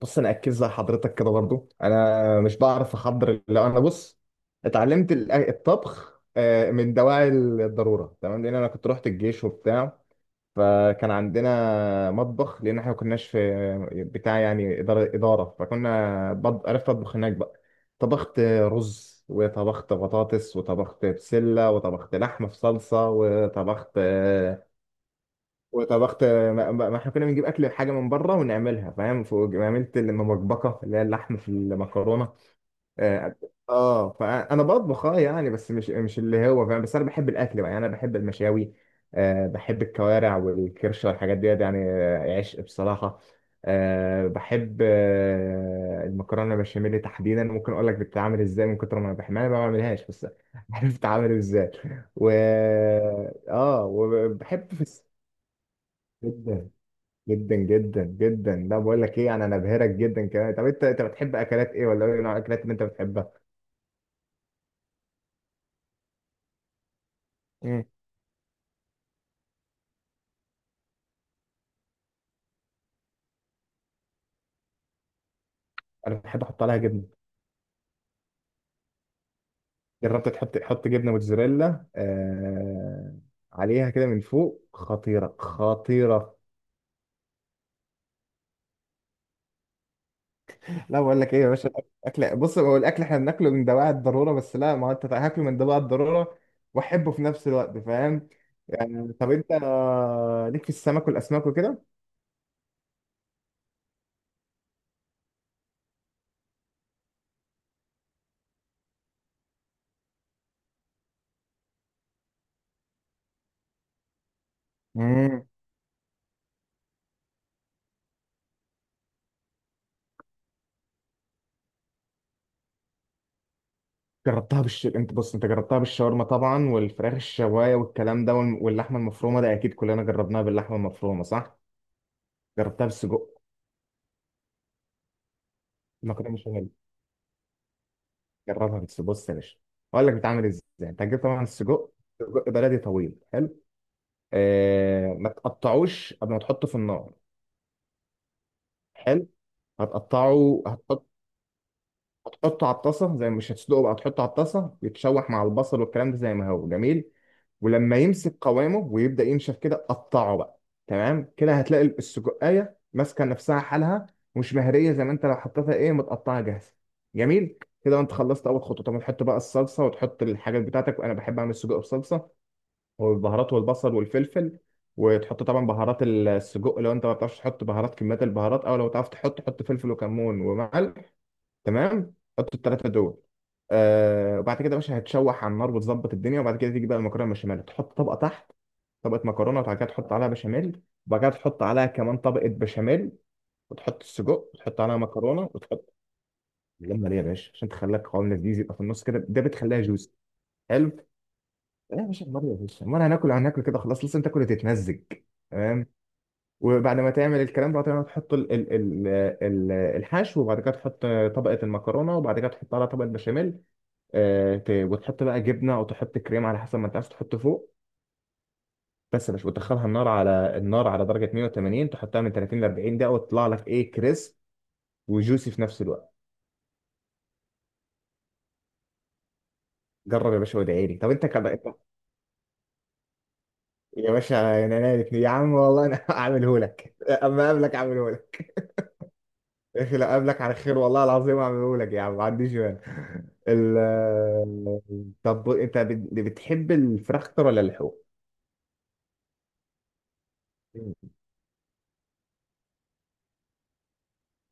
بص، انا اكد زي حضرتك كده برضو، انا مش بعرف احضر. لو انا بص، اتعلمت الطبخ من دواعي الضروره. تمام، لان انا كنت رحت الجيش وبتاع، فكان عندنا مطبخ. لان احنا ما كناش في بتاع يعني اداره. عرفت اطبخ هناك بقى. طبخت رز وطبخت بطاطس وطبخت بسله وطبخت لحمه في صلصه وطبخت وطبخت ما, ما ما احنا كنا بنجيب اكل حاجه من بره ونعملها، فاهم. عملت المبكبكه اللي هي اللحم في المكرونه. اه فانا بطبخ، يعني، بس مش اللي هو، فاهم. بس انا بحب الاكل بقى، يعني انا بحب المشاوي. بحب الكوارع والكرشه والحاجات دي يعني، عشق بصراحه. بحب المكرونه البشاميل تحديدا، ممكن اقول لك بتتعمل ازاي. من كتر ما انا بحبها انا ما بعملهاش بس عارف بتتعمل ازاي. و اه وبحب في الس- جدا. جدا جدا جدا لا، بقول لك ايه يعني، انا بهرك جدا كمان. طب انت بتحب اكلات ايه، ولا ايه نوع الاكلات اللي انت بتحبها؟ مم. انا بحب احط عليها جبنه. جربت تحط جبنه موتزاريلا عليها كده من فوق، خطيره خطيره. لا، بقول لك ايه يا باشا. الاكل بص، هو الاكل احنا بناكله من دواعي الضروره بس. لا، ما هو انت هاكله من دواعي الضروره واحبه في نفس الوقت، فاهم. يعني طب انت، ليك في السمك والاسماك وكده. مم. جربتها بالش انت بص، انت جربتها بالشاورما طبعا، والفراخ الشوايه والكلام ده، واللحمه المفرومه. ده اكيد كلنا جربناها باللحمه المفرومه، صح؟ جربتها بالسجق؟ المكرونه بشاميل. جربها بالسجق بص يا باشا. اقول لك بتعمل ازاي. انت هتجيب طبعا السجق، سجق بلدي طويل حلو. ما تقطعوش قبل ما تحطه في النار. حلو. هتحط. هتحطه على الطاسه زي، مش هتسلقه بقى، هتحطه على الطاسه يتشوح مع البصل والكلام ده زي ما هو، جميل. ولما يمسك قوامه ويبدا ينشف كده، قطعه بقى. تمام كده هتلاقي السجقايه ماسكه نفسها حالها، مش مهريه زي ما انت لو حطيتها ايه، متقطعه جاهزه. جميل كده، وانت خلصت اول خطوه. طب تحط بقى الصلصه وتحط الحاجات بتاعتك، وانا بحب اعمل سجق بصلصه والبهارات والبصل والفلفل. وتحط طبعا بهارات السجق. لو انت ما بتعرفش تحط بهارات، كميات البهارات، او لو تعرف تحط، حط فلفل وكمون وملح، تمام. حط الثلاثه دول. وبعد كده يا باشا، هتشوح على النار وتظبط الدنيا. وبعد كده تيجي بقى المكرونه البشاميل، تحط طبقه تحت. طبقه مكرونه، وبعد كده تحط عليها بشاميل، وبعد كده تحط عليها كمان طبقه بشاميل، وتحط السجق، وتحط عليها مكرونه، وتحط. اللمه دي يا باشا عشان تخليها قوام لذيذ يبقى في النص كده، ده بتخليها جوسي. حلو. لا يا باشا، النار يا باشا، امال هناكل هناكل كده خلاص، لسه تاكل وتتمزج. تمام. وبعد ما تعمل الكلام ده طبعاً، تحط الحشو. وبعد كده تحط طبقه المكرونه، وبعد كده تحط عليها طبقه بشاميل. وتحط بقى جبنه او تحط كريم على حسب ما انت عايز تحط فوق، بس. مش وتدخلها النار، على درجه 180. تحطها من 30 ل 40 دقيقه، وتطلع لك كريسب وجوسي في نفس الوقت. جرب يا باشا وادعي لي. طب انت كده انت؟ يا باشا، انا نالت يا عم، والله انا هعمله لك. اما اقابلك هعمله لك. يا اخي، لا قابلك على خير، والله العظيم هعمله لك يا عم، ما عنديش مانع. ال- طب انت، بتحب الفراخ اكتر ولا اللحوم؟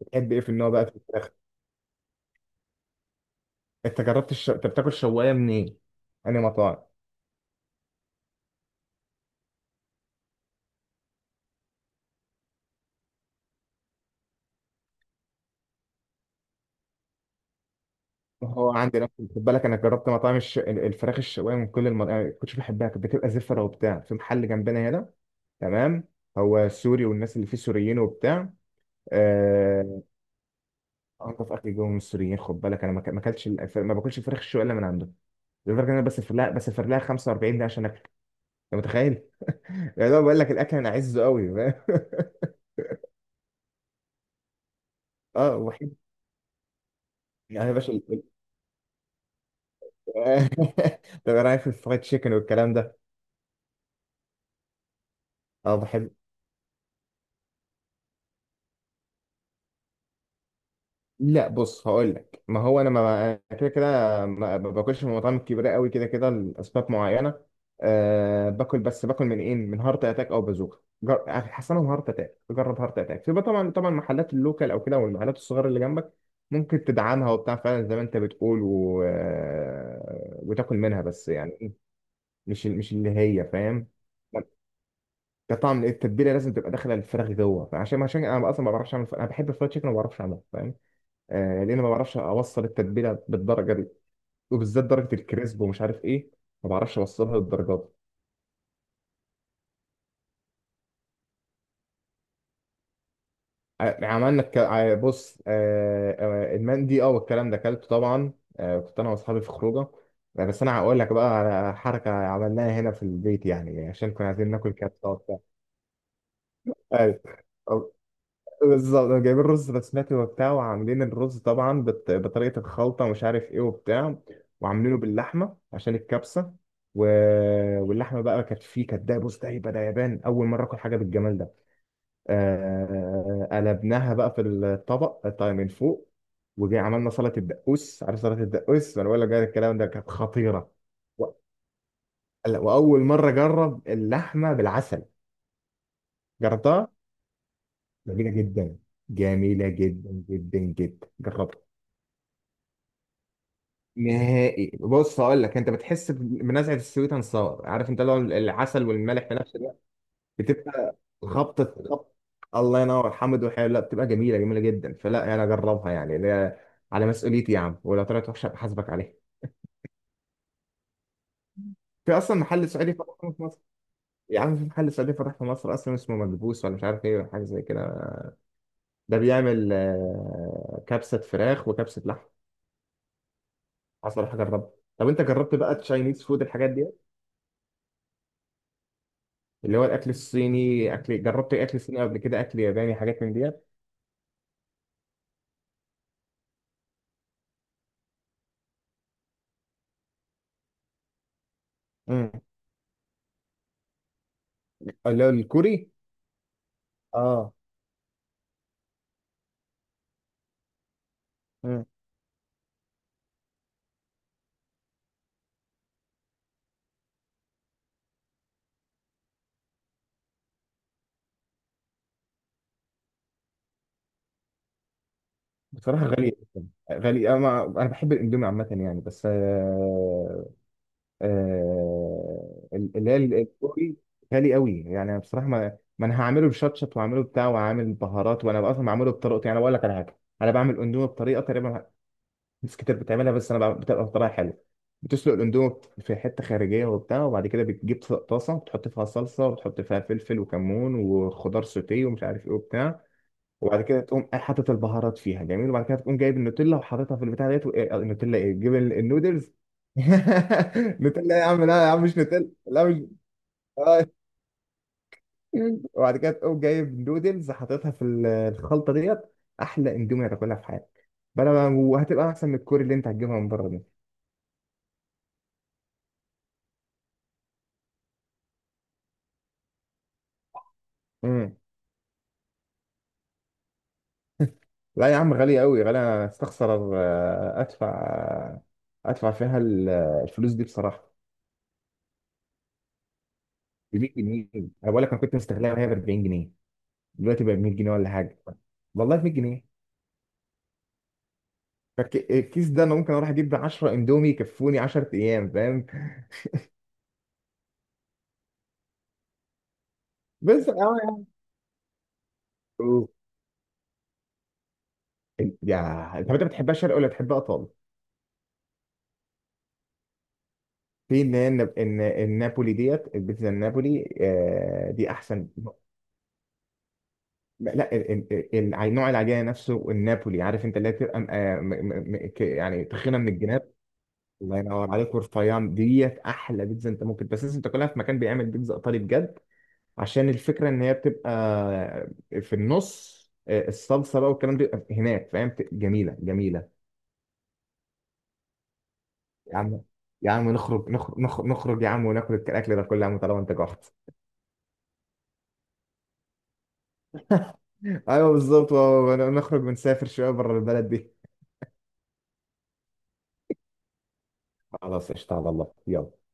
بتحب ايه في النوع بقى في الفراخ؟ انت بتاكل شوايه منين؟ انهي مطاعم؟ هو عندي نفس، خد بالك، انا جربت مطاعم الفراخ الشوايه من كل المطاعم، ما كنتش بحبها، كانت بتبقى زفره وبتاع. في محل جنبنا هنا، تمام، هو سوري والناس اللي فيه سوريين وبتاع. آه، انضف اكل جوه من السوريين، خد بالك. انا ما ك- ما اكلتش الف- ما باكلش الفراخ الشوايه الا من عنده. لدرجه ان انا بسافر لها 45 دقيقه عشان اكل. انت متخيل؟ يعني هو بقول لك الاكل، انا عزه قوي. اه وحب يعني، يا باشا طب ايه رايك في الفرايد تشيكن والكلام ده؟ اه، بحب. لا بص، هقول لك ما هو انا، ما أنا كده كده. ما باكلش من المطاعم الكبيره قوي كده كده، لاسباب معينه. أه، باكل. بس باكل من ايه، من هارت اتاك او بازوكا. حسنهم هارت اتاك. جرب هارت اتاك في بقى، طبعا طبعا محلات اللوكال او كده، والمحلات الصغيره اللي جنبك. ممكن تدعمها وبتاع فعلا زي ما انت بتقول، و... آه، وتاكل منها بس، يعني مش اللي هي، فاهم. كطعم، التتبيله لازم تبقى داخله الفراخ جوه. عشان انا اصلا ما بعرفش اعمل. انا بحب الفرايد تشيكن وما بعرفش اعمله، فاهم. لان ما بعرفش اوصل التتبيله بالدرجه دي، وبالذات درجه الكريسب ومش عارف ايه. ما بعرفش اوصلها للدرجات دي. يعني بص، المندي والكلام ده اكلته طبعا. كنت انا واصحابي في خروجه. بس انا هقول لك بقى على حركه عملناها هنا في البيت، يعني عشان كنا عايزين ناكل كبسه وبتاع. أيوة، بالظبط، جايبين رز بسمتي وبتاع، وعاملين الرز طبعا بطريقة الخلطة ومش عارف ايه وبتاع. وعاملينه باللحمة عشان الكبسة. و... واللحمة بقى كانت فيه، كانت ده، بص ده يبقى ده يابان، أول مرة آكل حاجة بالجمال ده. قلبناها بقى في الطبق طيب من فوق. وجي عملنا سلطة الدقوس، عارف سلطة الدقوس، وأنا بقول لك بقى الكلام ده كانت خطيرة. و... وأول مرة أجرب اللحمة بالعسل. جربتها، جميلة جدا، جميلة جدا جدا جدا. جربت. نهائي. بص هقول لك، انت بتحس بنزعه السويت اند ساور، عارف انت لو العسل والملح في نفس الوقت، بتبقى خبطه. خبط الله ينور. حمد وحلو، لا، بتبقى جميله، جميله جدا. فلا انا يعني اجربها، يعني، لا. على مسؤوليتي يا عم، ولو طلعت وحشه بحاسبك عليها. في اصلا محل سعودي فتح في مصر. يا عم، في محل سعودي فتح في مصر اصلا، اسمه مدبوس ولا مش عارف ايه ولا حاجه زي كده. ده بيعمل كبسه فراخ وكبسه لحم. حصل حاجه جربها. طب انت جربت بقى تشاينيز فود، الحاجات دي، اللي هو الاكل الصيني؟ اكل، جربت اكل صيني قبل كده؟ اكل ياباني، حاجات من ديت؟ امم اللي هو الكوري. اه امم بصراحه غالي، جدا غالي. انا انا بحب الاندومي عامه يعني، بس اللي هي الكوري، غالي قوي يعني. أنا بصراحه ما انا هعمله بشطشط، وهعمله بتاع، وهعمل بهارات، وانا اصلا بعمله بطريقتي يعني. أنا بقول لك على حاجه، انا بعمل اندومي بطريقه تقريبا ناس كتير بتعملها، بس انا بتبقى بطريقه حلوه. بتسلق الاندومي في حته خارجيه وبتاع، وبعد كده بتجيب طاسه بتحط فيها صلصه، وبتحط فيها فلفل وكمون وخضار سوتيه ومش عارف ايه وبتاع. وبعد كده تقوم حاطط البهارات فيها، جميل. وبعد كده تقوم جايب النوتيلا وحاططها في البتاع ديت. و- إيه، النوتيلا، تجيب النودلز. نوتيلا يا عم، لا يا عم، مش نوتيلا. لا مش. وبعد كده تقوم جايب نودلز حاططها في الخلطه ديت. احلى اندومي هتاكلها في حياتك، بلا، وهتبقى احسن من الكوري اللي انت هتجيبها من بره دي. لا يا عم، غالية أوي، غالية. أنا أستخسر أدفع فيها الفلوس دي بصراحة. ب 100 جنيه. أنا بقول لك، أنا كنت مستغلها وهي ب 40 جنيه. دلوقتي بقى ب 100 جنيه ولا حاجة. والله ب 100 جنيه. الكيس ده أنا ممكن أروح أجيب 10 إندومي يكفوني 10 أيام، فاهم. بس أه طب أنت بتحبها شرق ولا بتحبها إيطالي؟ في اللي هي النابولي ديت، البيتزا النابولي دي أحسن. لا، نوع العجينه نفسه النابولي، عارف انت، اللي هي بتبقى يعني تخينه من الجناب. الله ينور عليك، ورفيان ديت احلى بيتزا انت ممكن، بس لازم تاكلها في مكان بيعمل بيتزا ايطالي بجد، عشان الفكره ان هي بتبقى في النص، الصلصه بقى والكلام ده بيبقى هناك، فاهم. جميله، جميله. يا عم، يا عم نخرج نخرج نخرج, نخرج يا عم وناكل الاكل ده كله، يا عم طالما انت جعت. ايوه، بالظبط. نخرج ونسافر شويه بره البلد دي. خلاص، قشطه، على الله، يلا.